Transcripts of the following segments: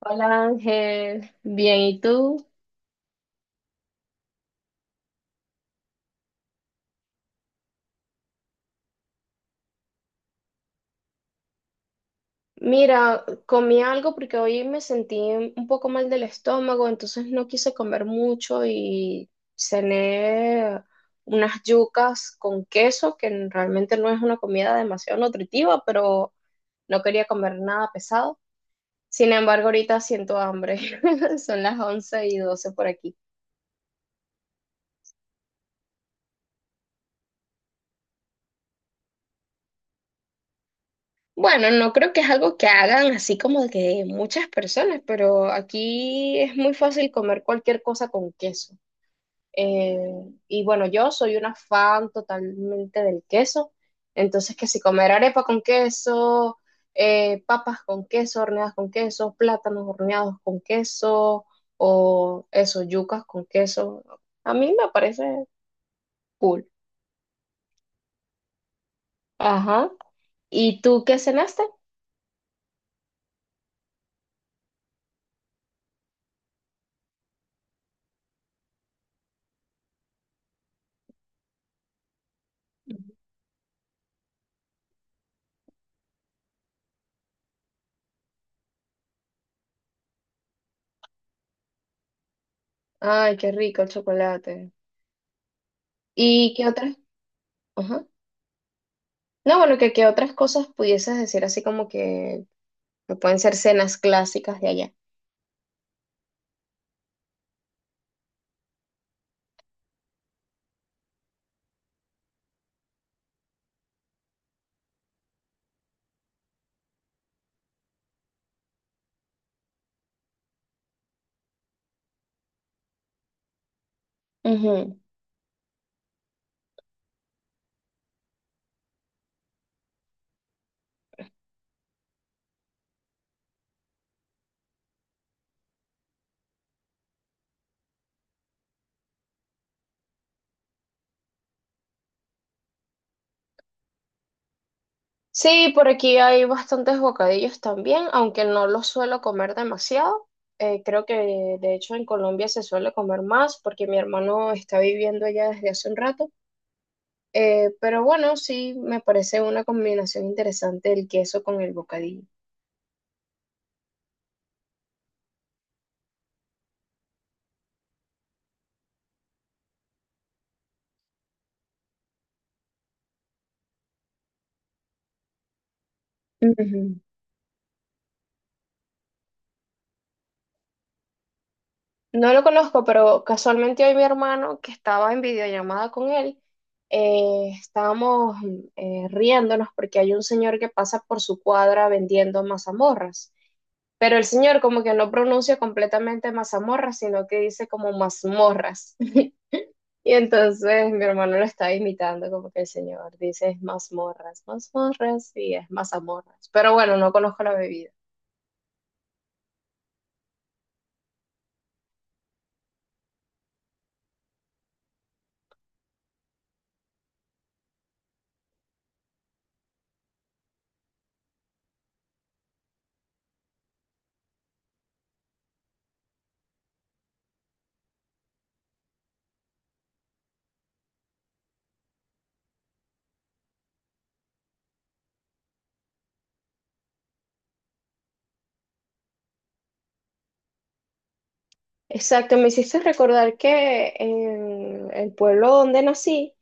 Hola Ángel, bien, ¿y tú? Mira, comí algo porque hoy me sentí un poco mal del estómago, entonces no quise comer mucho y cené unas yucas con queso, que realmente no es una comida demasiado nutritiva, pero no quería comer nada pesado. Sin embargo, ahorita siento hambre. Son las 11:12 por aquí. Bueno, no creo que es algo que hagan así como de que muchas personas, pero aquí es muy fácil comer cualquier cosa con queso. Eh, y bueno, yo soy una fan totalmente del queso, entonces que si comer arepa con queso, papas con queso, horneadas con queso, plátanos horneados con queso, o eso, yucas con queso, a mí me parece cool. Ajá. ¿Y tú qué cenaste? Ujú. Ay, qué rico el chocolate. ¿Y qué otras? Ajá. No, bueno, que otras cosas pudieses decir así como que pueden ser cenas clásicas de allá. Ujú. Sí, por aquí hay bastantes bocadillos también, aunque no los suelo comer demasiado. Creo que de hecho en Colombia se suele comer más porque mi hermano está viviendo allá desde hace un rato. Pero bueno, sí, me parece una combinación interesante el queso con el bocadillo. Ujú. No lo conozco, pero casualmente hoy mi hermano, que estaba en videollamada con él, estábamos riéndonos porque hay un señor que pasa por su cuadra vendiendo mazamorras. Pero el señor como que no pronuncia completamente mazamorras, sino que dice como mazmorras. Y entonces mi hermano lo está imitando, como que el señor dice es mazmorras, mazmorras y es mazamorras. Pero bueno, no conozco la bebida. Exacto, me hiciste recordar que en el pueblo donde nací,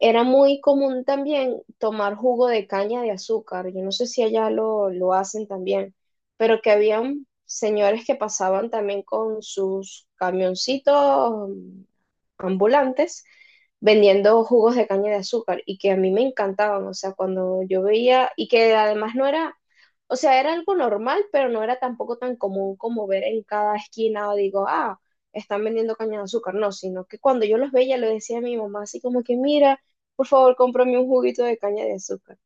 era muy común también tomar jugo de caña de azúcar. Yo no sé si allá lo hacen también, pero que habían señores que pasaban también con sus camioncitos ambulantes vendiendo jugos de caña de azúcar y que a mí me encantaban, o sea, cuando yo veía y que además no era, o sea, era algo normal, pero no era tampoco tan común como ver en cada esquina o digo, ah, están vendiendo caña de azúcar, no, sino que cuando yo los veía le decía a mi mamá así como que, mira, por favor, cómprame un juguito de caña de azúcar.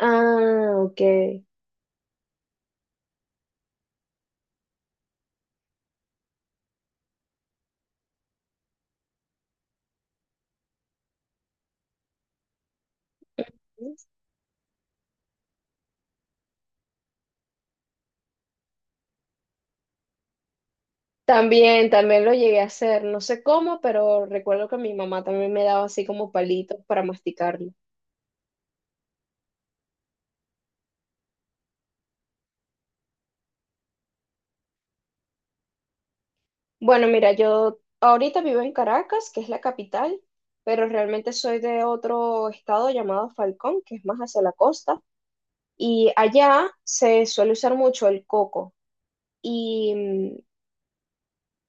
Ah, ok. También, también lo llegué a hacer. No sé cómo, pero recuerdo que mi mamá también me daba así como palitos para masticarlo. Bueno, mira, yo ahorita vivo en Caracas, que es la capital, pero realmente soy de otro estado llamado Falcón, que es más hacia la costa. Y allá se suele usar mucho el coco. Y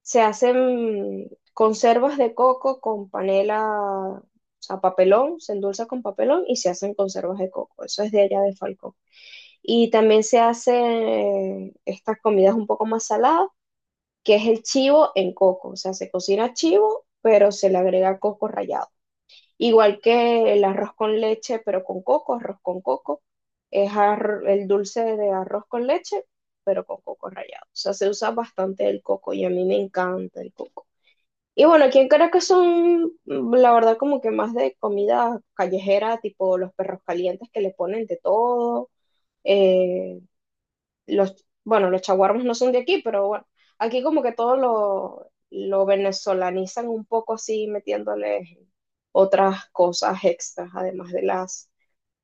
se hacen conservas de coco con panela, o sea, papelón, se endulza con papelón y se hacen conservas de coco. Eso es de allá de Falcón. Y también se hacen estas comidas un poco más saladas, que es el chivo en coco. O sea, se cocina chivo, pero se le agrega coco rallado. Igual que el arroz con leche, pero con coco, arroz con coco. Es ar- el dulce de arroz con leche, pero con coco rallado. O sea, se usa bastante el coco y a mí me encanta el coco. Y bueno, aquí en Caracas son, la verdad, como que más de comida callejera, tipo los perros calientes que le ponen de todo. eh, bueno, los chaguarmas no son de aquí, pero bueno, aquí como que todo lo venezolanizan un poco así, metiéndole otras cosas extras, además de las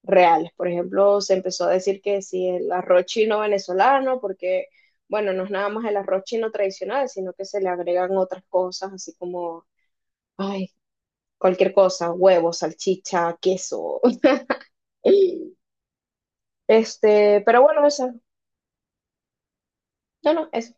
reales. Por ejemplo, se empezó a decir que si el arroz chino venezolano, porque, bueno, no es nada más el arroz chino tradicional, sino que se le agregan otras cosas, así como Ay, cualquier cosa, huevos, salchicha, queso. Pero bueno, eso, no, no, eso.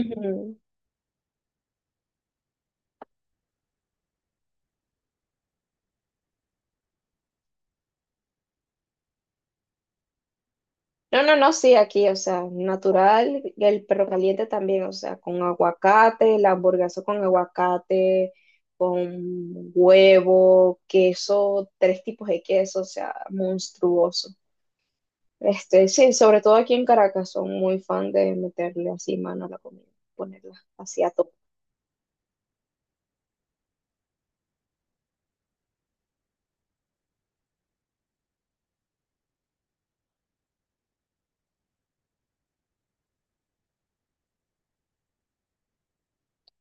Ujú. No, no, no, sí, aquí, o sea, natural, y el perro caliente también, o sea, con aguacate, la hamburguesa con aguacate, con huevo, queso, tres tipos de queso, o sea, monstruoso. Sí, sobre todo aquí en Caracas son muy fan de meterle así mano a la comida, ponerla así a tope.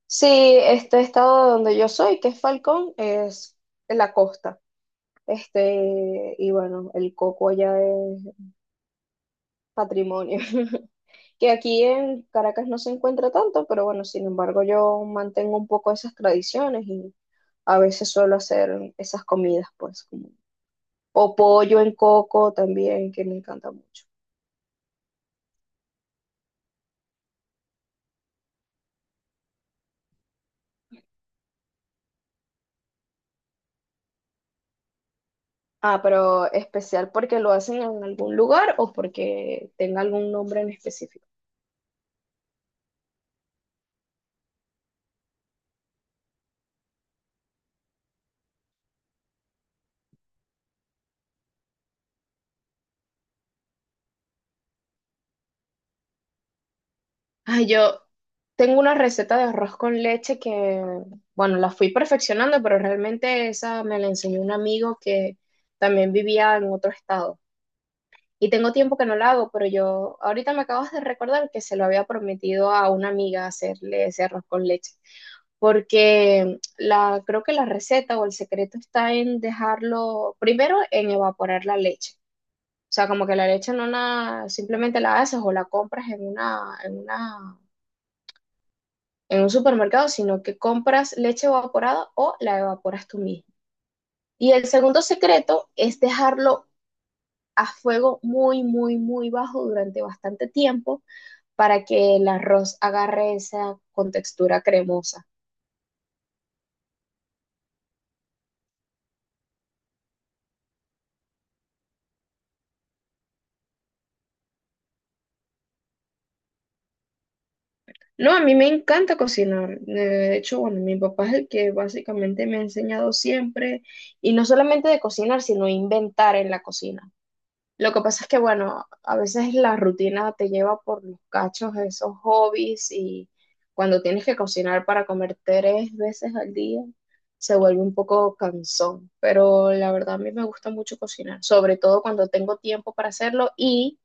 Sí, este estado donde yo soy, que es Falcón, es en la costa. Y bueno, el coco allá es patrimonio. Que aquí en Caracas no se encuentra tanto, pero bueno, sin embargo, yo mantengo un poco esas tradiciones y a veces suelo hacer esas comidas, pues, como, o pollo en coco también, que me encanta mucho. Ah, pero especial porque lo hacen en algún lugar o porque tenga algún nombre en específico. Ay, yo tengo una receta de arroz con leche que, bueno, la fui perfeccionando, pero realmente esa me la enseñó un amigo que también vivía en otro estado. Y tengo tiempo que no la hago, pero yo ahorita me acabas de recordar que se lo había prometido a una amiga hacerle ese arroz con leche, porque la, creo que la receta o el secreto está en dejarlo primero en evaporar la leche. O sea, como que la leche no la, simplemente la haces o la compras en un supermercado, sino que compras leche evaporada o la evaporas tú mismo. Y el segundo secreto es dejarlo a fuego muy, muy, muy bajo durante bastante tiempo para que el arroz agarre esa contextura cremosa. No, a mí me encanta cocinar. De hecho, bueno, mi papá es el que básicamente me ha enseñado siempre, y no solamente de cocinar, sino inventar en la cocina. Lo que pasa es que, bueno, a veces la rutina te lleva por los cachos esos hobbies y cuando tienes que cocinar para comer tres veces al día, se vuelve un poco cansón. Pero la verdad a mí me gusta mucho cocinar, sobre todo cuando tengo tiempo para hacerlo y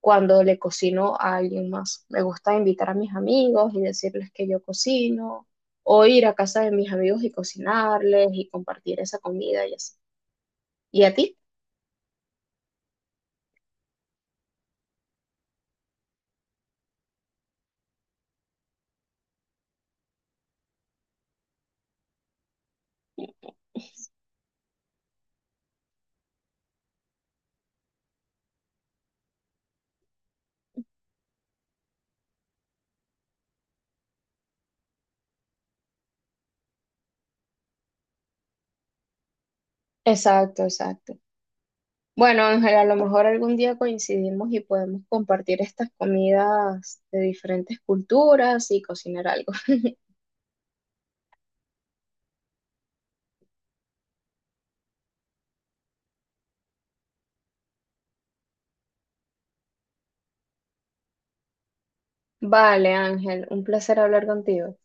cuando le cocino a alguien más. Me gusta invitar a mis amigos y decirles que yo cocino o ir a casa de mis amigos y cocinarles y compartir esa comida y así. ¿Y a ti? Exacto, exacto. Bueno, Ángel, a lo mejor algún día coincidimos y podemos compartir estas comidas de diferentes culturas y cocinar algo. Vale, Ángel, un placer hablar contigo.